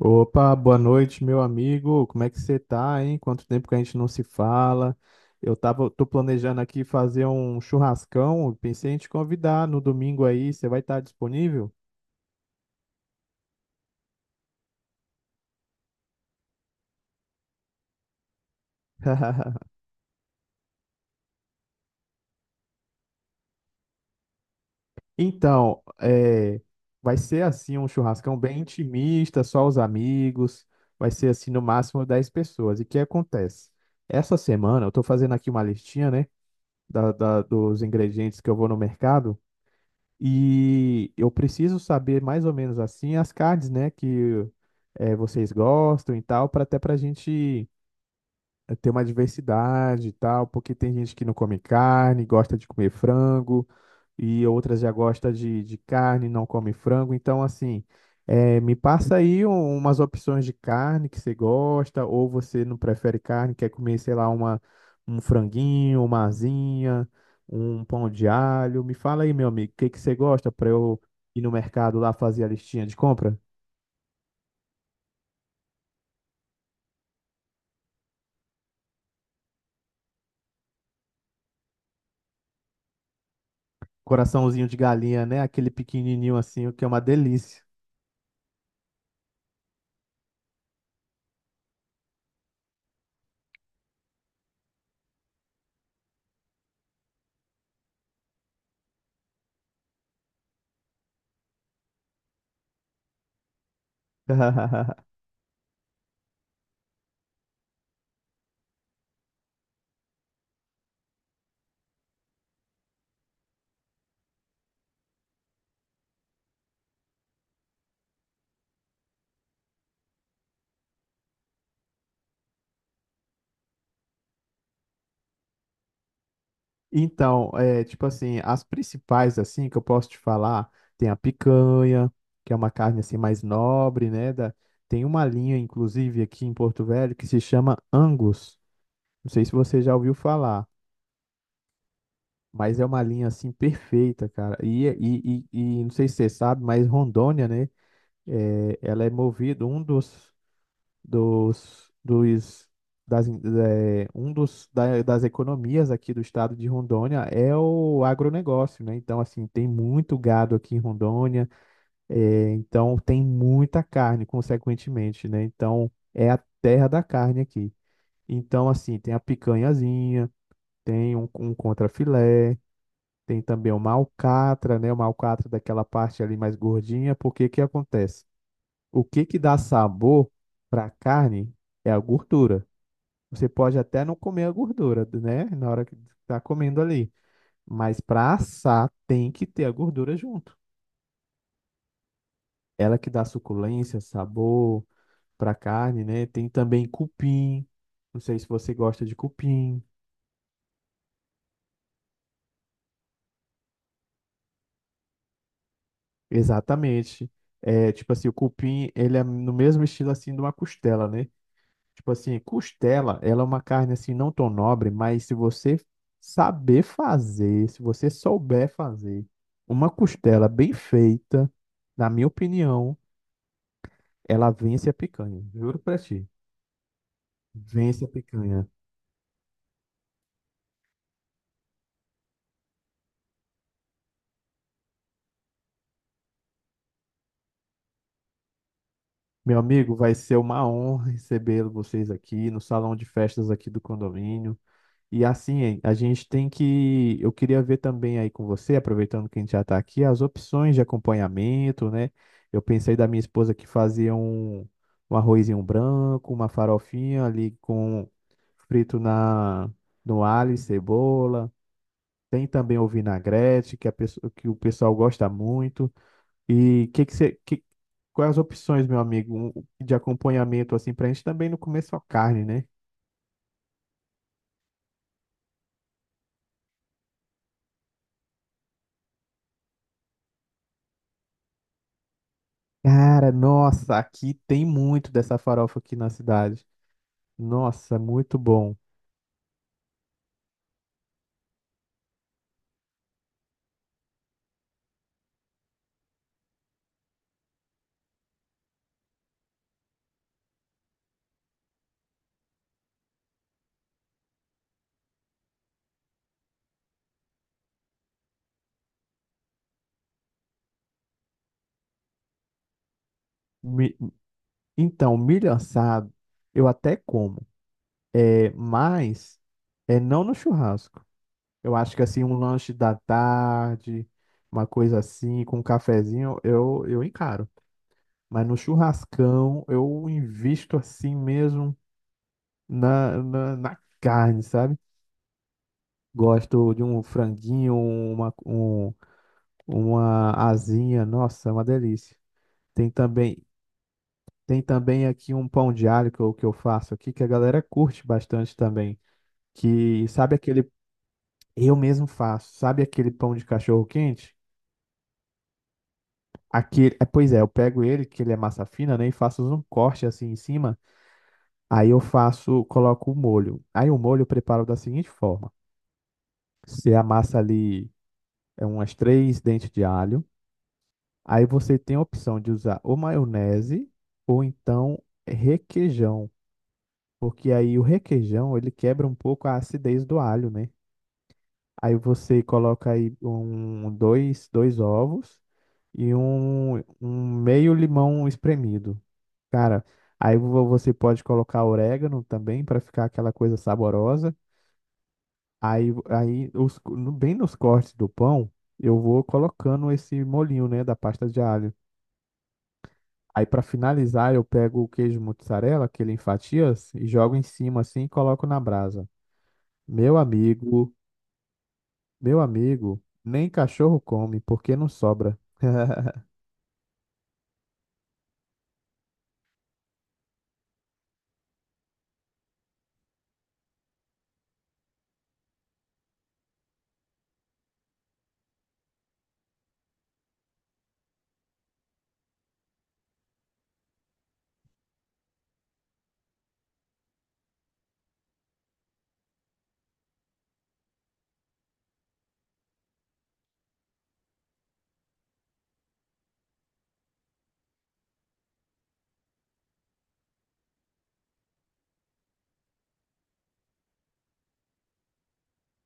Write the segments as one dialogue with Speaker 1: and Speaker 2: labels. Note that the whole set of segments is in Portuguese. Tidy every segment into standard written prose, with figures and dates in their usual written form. Speaker 1: Opa, boa noite, meu amigo. Como é que você tá, hein? Quanto tempo que a gente não se fala? Tô planejando aqui fazer um churrascão. Pensei em te convidar no domingo aí. Você vai estar disponível? Então, vai ser assim um churrascão bem intimista, só os amigos. Vai ser assim no máximo 10 pessoas. E o que acontece? Essa semana eu tô fazendo aqui uma listinha, né, dos ingredientes que eu vou no mercado. E eu preciso saber mais ou menos assim as cards, né, que vocês gostam e tal, para até para a gente ter uma diversidade e tal, porque tem gente que não come carne, gosta de comer frango, e outras já gosta de carne, não come frango. Então, assim, me passa aí umas opções de carne que você gosta, ou você não prefere carne, quer comer, sei lá, uma, um franguinho, uma asinha, um pão de alho. Me fala aí, meu amigo, o que que você gosta para eu ir no mercado lá fazer a listinha de compra? Coraçãozinho de galinha, né? Aquele pequenininho assim, o que é uma delícia. Então, é, tipo assim, as principais, assim, que eu posso te falar, tem a picanha, que é uma carne, assim, mais nobre, né? Da... Tem uma linha, inclusive, aqui em Porto Velho, que se chama Angus. Não sei se você já ouviu falar, mas é uma linha, assim, perfeita, cara. E não sei se você sabe, mas Rondônia, né? É, ela é movida, um dos dos, dos das, in- é, um dos das economias aqui do estado de Rondônia é o agronegócio, né? Então, assim, tem muito gado aqui em Rondônia, é, então tem muita carne, consequentemente, né? Então, é a terra da carne aqui. Então, assim, tem a picanhazinha, tem um contrafilé, tem também uma alcatra, né? Uma alcatra daquela parte ali mais gordinha, porque que acontece? O que que dá sabor para a carne é a gordura. Você pode até não comer a gordura, né? Na hora que tá comendo ali. Mas para assar, tem que ter a gordura junto. Ela que dá suculência, sabor para carne, né? Tem também cupim. Não sei se você gosta de cupim. Exatamente. É, tipo assim, o cupim, ele é no mesmo estilo assim de uma costela, né? Tipo assim, costela, ela é uma carne assim não tão nobre, mas se você souber fazer uma costela bem feita, na minha opinião, ela vence a picanha. Juro pra ti. Vence a picanha. Meu amigo, vai ser uma honra receber vocês aqui no salão de festas aqui do condomínio. E assim, a gente tem que... Eu queria ver também aí com você, aproveitando que a gente já está aqui, as opções de acompanhamento, né? Eu pensei da minha esposa que fazia um arrozinho branco, uma farofinha ali com frito na, no alho e cebola. Tem também o vinagrete, que, que o pessoal gosta muito. E que quais as opções, meu amigo, de acompanhamento, assim, para a gente também não comer só carne, né? Cara, nossa, aqui tem muito dessa farofa aqui na cidade. Nossa, muito bom. Mi- Então, milho assado eu até como, mas é não no churrasco. Eu acho que assim, um lanche da tarde, uma coisa assim, com um cafezinho, eu encaro. Mas no churrascão, eu invisto assim mesmo na carne, sabe? Gosto de um franguinho, uma asinha, nossa, é uma delícia. Tem também, tem também aqui um pão de alho que eu faço aqui, que a galera curte bastante também. Que sabe aquele, eu mesmo faço, sabe aquele pão de cachorro quente? Aquele, é, pois é, eu pego ele, que ele é massa fina, né, e faço um corte assim em cima. Aí eu faço, coloco o molho. Aí o molho eu preparo da seguinte forma: você amassa ali umas três dentes de alho. Aí você tem a opção de usar ou maionese ou então requeijão, porque aí o requeijão ele quebra um pouco a acidez do alho, né? Aí você coloca aí dois ovos e um meio limão espremido. Cara, você pode colocar orégano também para ficar aquela coisa saborosa. Aí, aí os, no- bem nos cortes do pão, eu vou colocando esse molinho, né, da pasta de alho. Aí pra finalizar, eu pego o queijo mozzarella, que ele em fatias, e jogo em cima assim e coloco na brasa. Meu amigo, meu amigo, nem cachorro come, porque não sobra.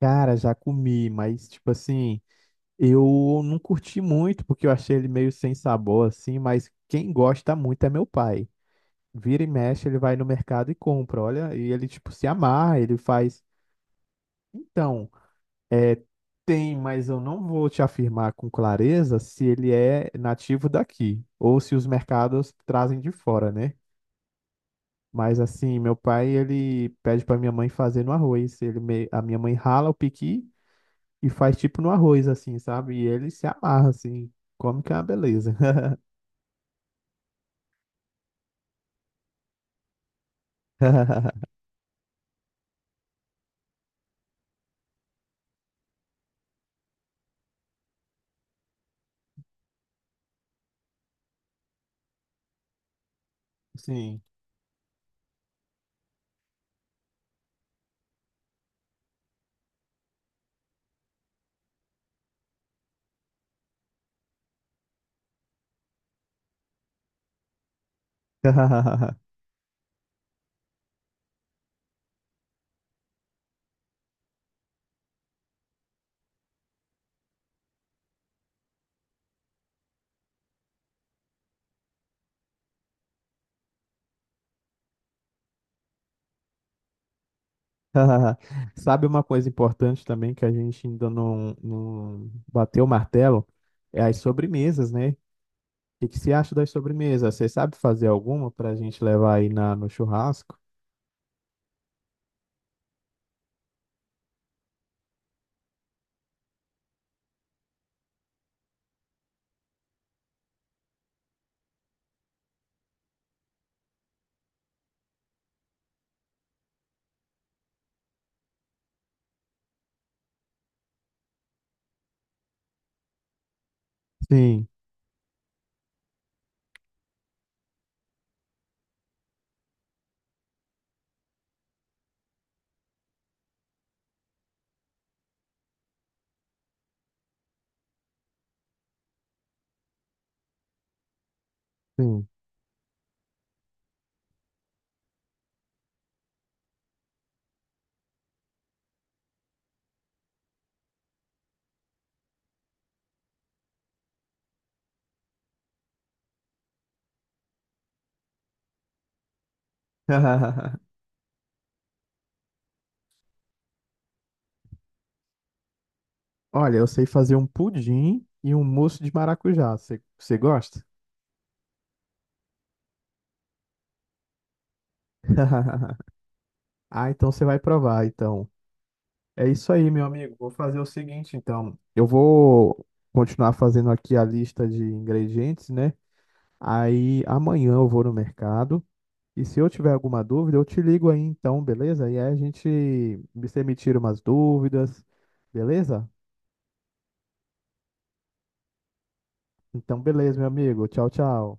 Speaker 1: Cara, já comi, mas tipo assim, eu não curti muito porque eu achei ele meio sem sabor assim, mas quem gosta muito é meu pai. Vira e mexe, ele vai no mercado e compra, olha, e ele tipo se amarra, ele faz. Então, é, tem, mas eu não vou te afirmar com clareza se ele é nativo daqui ou se os mercados trazem de fora, né? Mas assim, meu pai, ele pede pra minha mãe fazer no arroz. A minha mãe rala o piqui e faz tipo no arroz, assim, sabe? E ele se amarra, assim. Come que é uma beleza. Sim. Sabe uma coisa importante também que a gente ainda não bateu o martelo? É as sobremesas, né? O que que você acha das sobremesas? Você sabe fazer alguma para a gente levar aí na, no churrasco? Sim, sim. Olha, eu sei fazer um pudim e um mousse de maracujá. Você gosta? Ah, então você vai provar, então. É isso aí, meu amigo. Vou fazer o seguinte, então. Eu vou continuar fazendo aqui a lista de ingredientes, né? Aí amanhã eu vou no mercado. E se eu tiver alguma dúvida, eu te ligo aí então, beleza? E aí a gente, você me tira umas dúvidas, beleza? Então, beleza, meu amigo. Tchau, tchau.